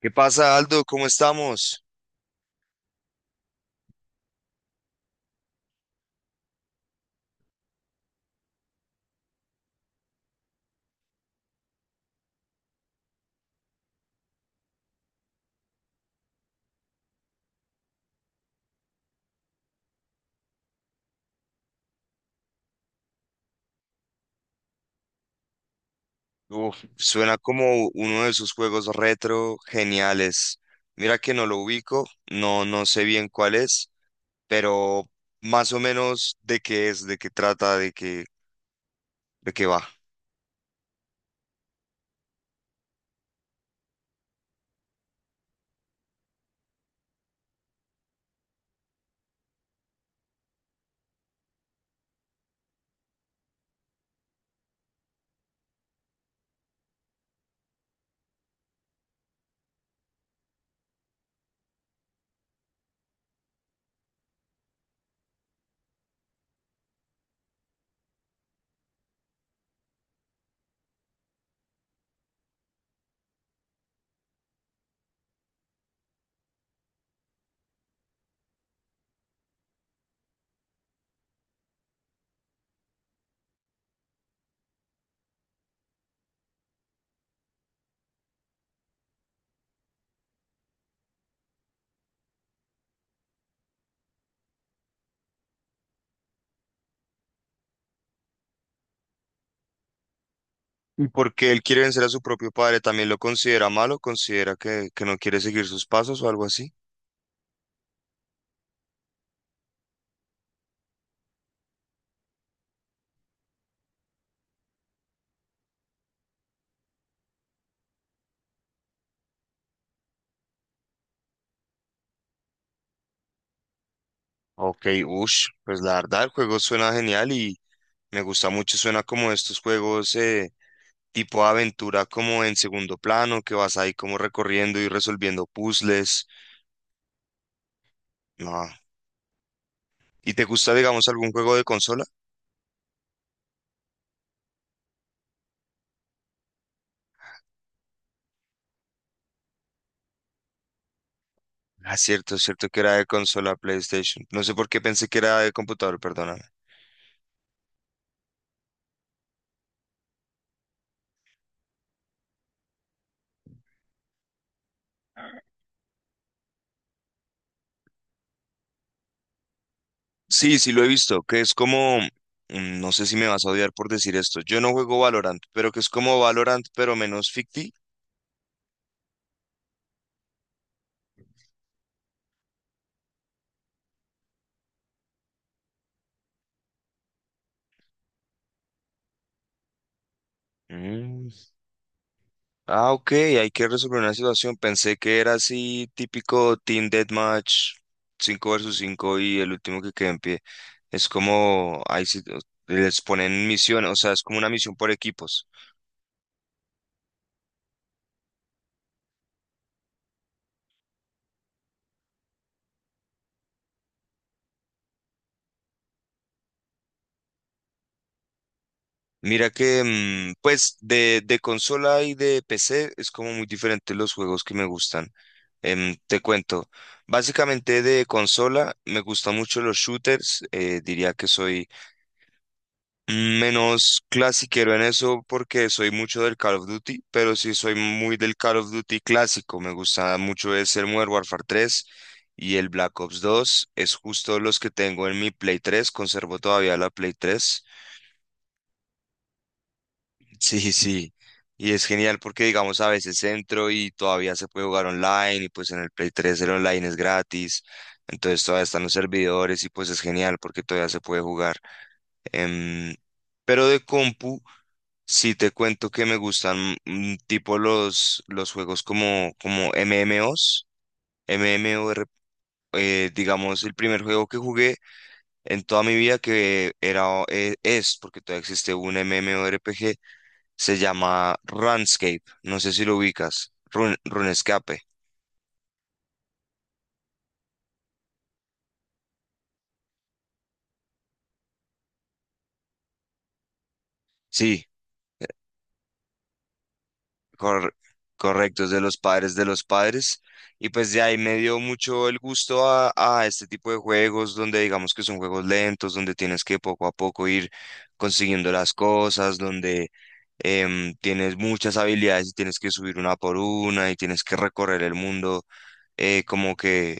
¿Qué pasa, Aldo? ¿Cómo estamos? Uf, suena como uno de esos juegos retro geniales. Mira que no lo ubico, no, no sé bien cuál es, pero más o menos de qué es, de qué trata, de qué va. Y porque él quiere vencer a su propio padre, ¿también lo considera malo? ¿Considera que no quiere seguir sus pasos o algo así? Ok, ush, pues la verdad el juego suena genial y me gusta mucho, suena como estos juegos tipo aventura como en segundo plano, que vas ahí como recorriendo y resolviendo puzzles. No. ¿Y te gusta, digamos, algún juego de consola? Ah, cierto, cierto que era de consola PlayStation. No sé por qué pensé que era de computador, perdóname. Sí, sí lo he visto, que es como, no sé si me vas a odiar por decir esto, yo no juego Valorant, pero que es como Valorant, pero menos ficti. Ah, ok, hay que resolver una situación. Pensé que era así, típico Team Deathmatch, 5 versus 5 y el último que quede en pie. Es como, ahí sí, les ponen misión, o sea, es como una misión por equipos. Mira que, pues, de consola y de PC es como muy diferente los juegos que me gustan. Te cuento, básicamente de consola me gustan mucho los shooters, diría que soy menos clasiquero en eso porque soy mucho del Call of Duty, pero sí soy muy del Call of Duty clásico. Me gusta mucho es el Modern Warfare tres y el Black Ops dos. Es justo los que tengo en mi Play tres. Conservo todavía la Play tres. Sí, sí. Y es genial porque, digamos, a veces entro y todavía se puede jugar online y pues en el Play tres el online es gratis. Entonces todavía están los servidores y pues es genial porque todavía se puede jugar. Em, pero de compu. Sí, te cuento que me gustan tipo los juegos como MMOs, MMOR, digamos, el primer juego que jugué en toda mi vida que es, porque todavía existe un MMORPG, se llama RuneScape, no sé si lo ubicas, RuneScape, sí. Cor- correctos de los padres de los padres. Y pues de ahí me dio mucho el gusto a este tipo de juegos donde digamos que son juegos lentos, donde tienes que poco a poco ir consiguiendo las cosas, donde tienes muchas habilidades y tienes que subir una por una y tienes que recorrer el mundo como que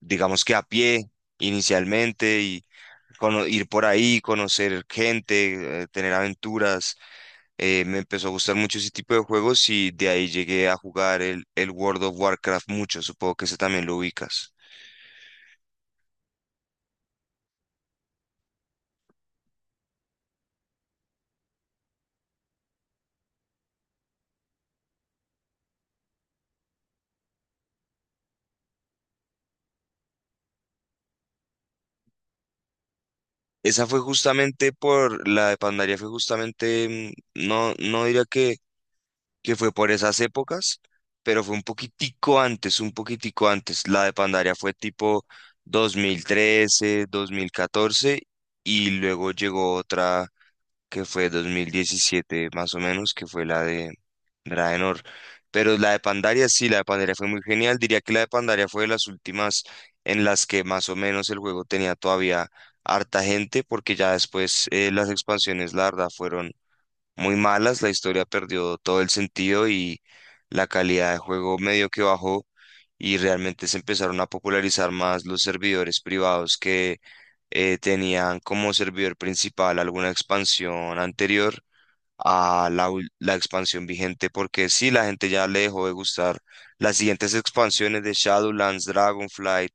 digamos que a pie inicialmente y ir por ahí, conocer gente, tener aventuras. Me empezó a gustar mucho ese tipo de juegos y de ahí llegué a jugar el World of Warcraft mucho. Supongo que ese también lo ubicas. Esa fue justamente por la de Pandaria, fue justamente, no, no diría que fue por esas épocas, pero fue un poquitico antes, un poquitico antes. La de Pandaria fue tipo 2013, 2014 y luego llegó otra, que fue 2017 más o menos, que fue la de Draenor. Pero la de Pandaria sí, la de Pandaria fue muy genial. Diría que la de Pandaria fue de las últimas en las que más o menos el juego tenía todavía harta gente, porque ya después las expansiones, la verdad, fueron muy malas, la historia perdió todo el sentido y la calidad de juego medio que bajó y realmente se empezaron a popularizar más los servidores privados que tenían como servidor principal alguna expansión anterior a la expansión vigente, porque sí, la gente ya le dejó de gustar las siguientes expansiones de Shadowlands, Dragonflight.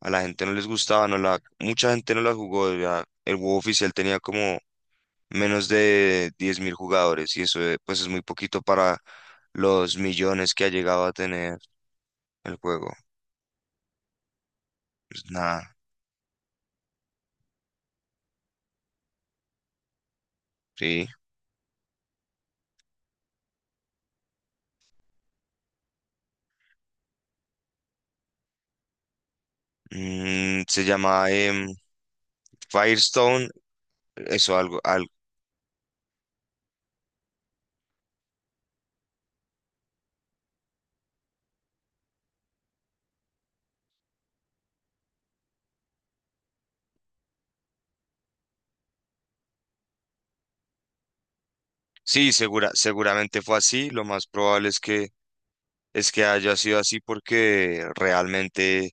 A la gente no les gustaba, mucha gente no la jugó, ya el WoW oficial tenía como menos de 10.000 jugadores y eso pues es muy poquito para los millones que ha llegado a tener el juego. Pues nada, sí. Se llama Firestone, eso algo. Sí, seguramente fue así. Lo más probable es que, haya sido así porque realmente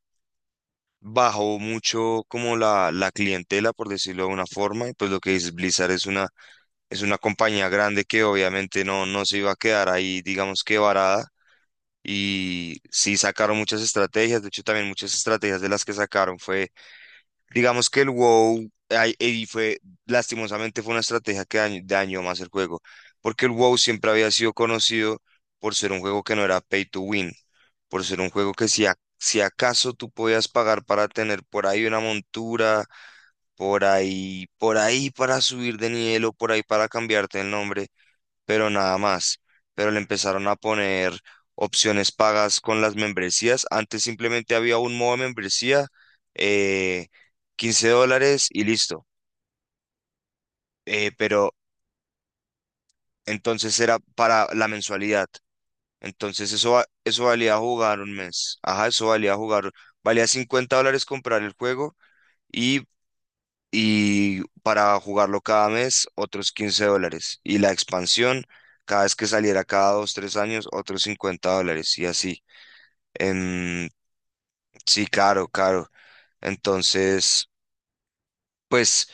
bajó mucho como la clientela, por decirlo de una forma. Y pues lo que dices, Blizzard es una compañía grande que obviamente no, no se iba a quedar ahí, digamos que varada. Y sí sacaron muchas estrategias. De hecho, también muchas estrategias de las que sacaron fue. Digamos que el WoW ay, lastimosamente fue una estrategia que dañó más el juego, porque el WoW siempre había sido conocido por ser un juego que no era pay to win, por ser un juego que si acaso tú podías pagar para tener por ahí una montura, por ahí para subir de nivel o por ahí para cambiarte el nombre, pero nada más. Pero le empezaron a poner opciones pagas con las membresías. Antes simplemente había un modo de membresía, eh, $15 y listo. Pero entonces era para la mensualidad. Entonces eso, eso valía jugar un mes. Ajá, eso valía jugar. Valía $50 comprar el juego y, y para jugarlo cada mes otros $15. Y la expansión, cada vez que saliera cada dos, tres años, otros $50 y así. Em, sí, claro, claro. Entonces, pues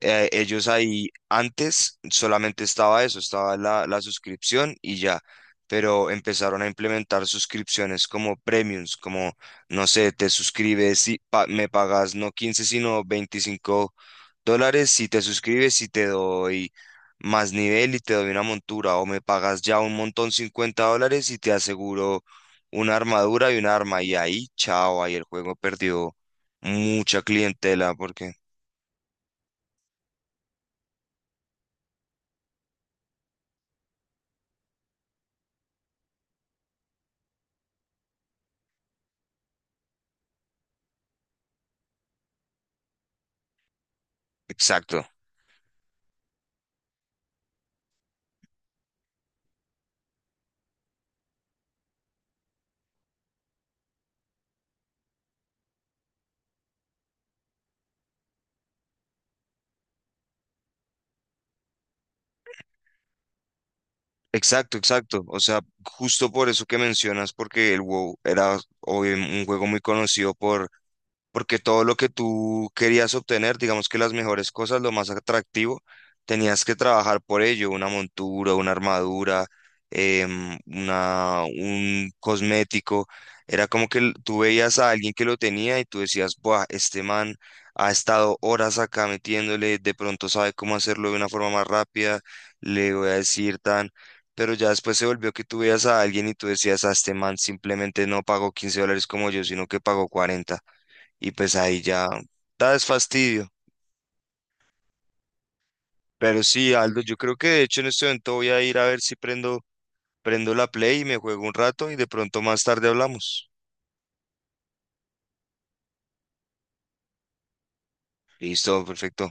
ellos ahí antes solamente estaba eso, estaba la suscripción y ya, pero empezaron a implementar suscripciones como premiums, como, no sé, te suscribes y me pagas no 15 sino $25 si te suscribes y te doy más nivel y te doy una montura o me pagas ya un montón $50 y te aseguro una armadura y un arma y ahí, chao, ahí el juego perdió mucha clientela porque... Exacto, exacto, exacto. O sea, justo por eso que mencionas, porque el WoW era obvio, un juego muy conocido porque todo lo que tú querías obtener, digamos que las mejores cosas, lo más atractivo, tenías que trabajar por ello, una montura, una armadura, un cosmético. Era como que tú veías a alguien que lo tenía y tú decías, buah, este man ha estado horas acá metiéndole, de pronto sabe cómo hacerlo de una forma más rápida, le voy a decir tan... Pero ya después se volvió que tú veías a alguien y tú decías, a este man simplemente no pagó $15 como yo, sino que pagó 40 y pues ahí ya da es fastidio. Pero sí, Aldo, yo creo que de hecho en este momento voy a ir a ver si prendo la Play y me juego un rato y de pronto más tarde hablamos. Listo, perfecto.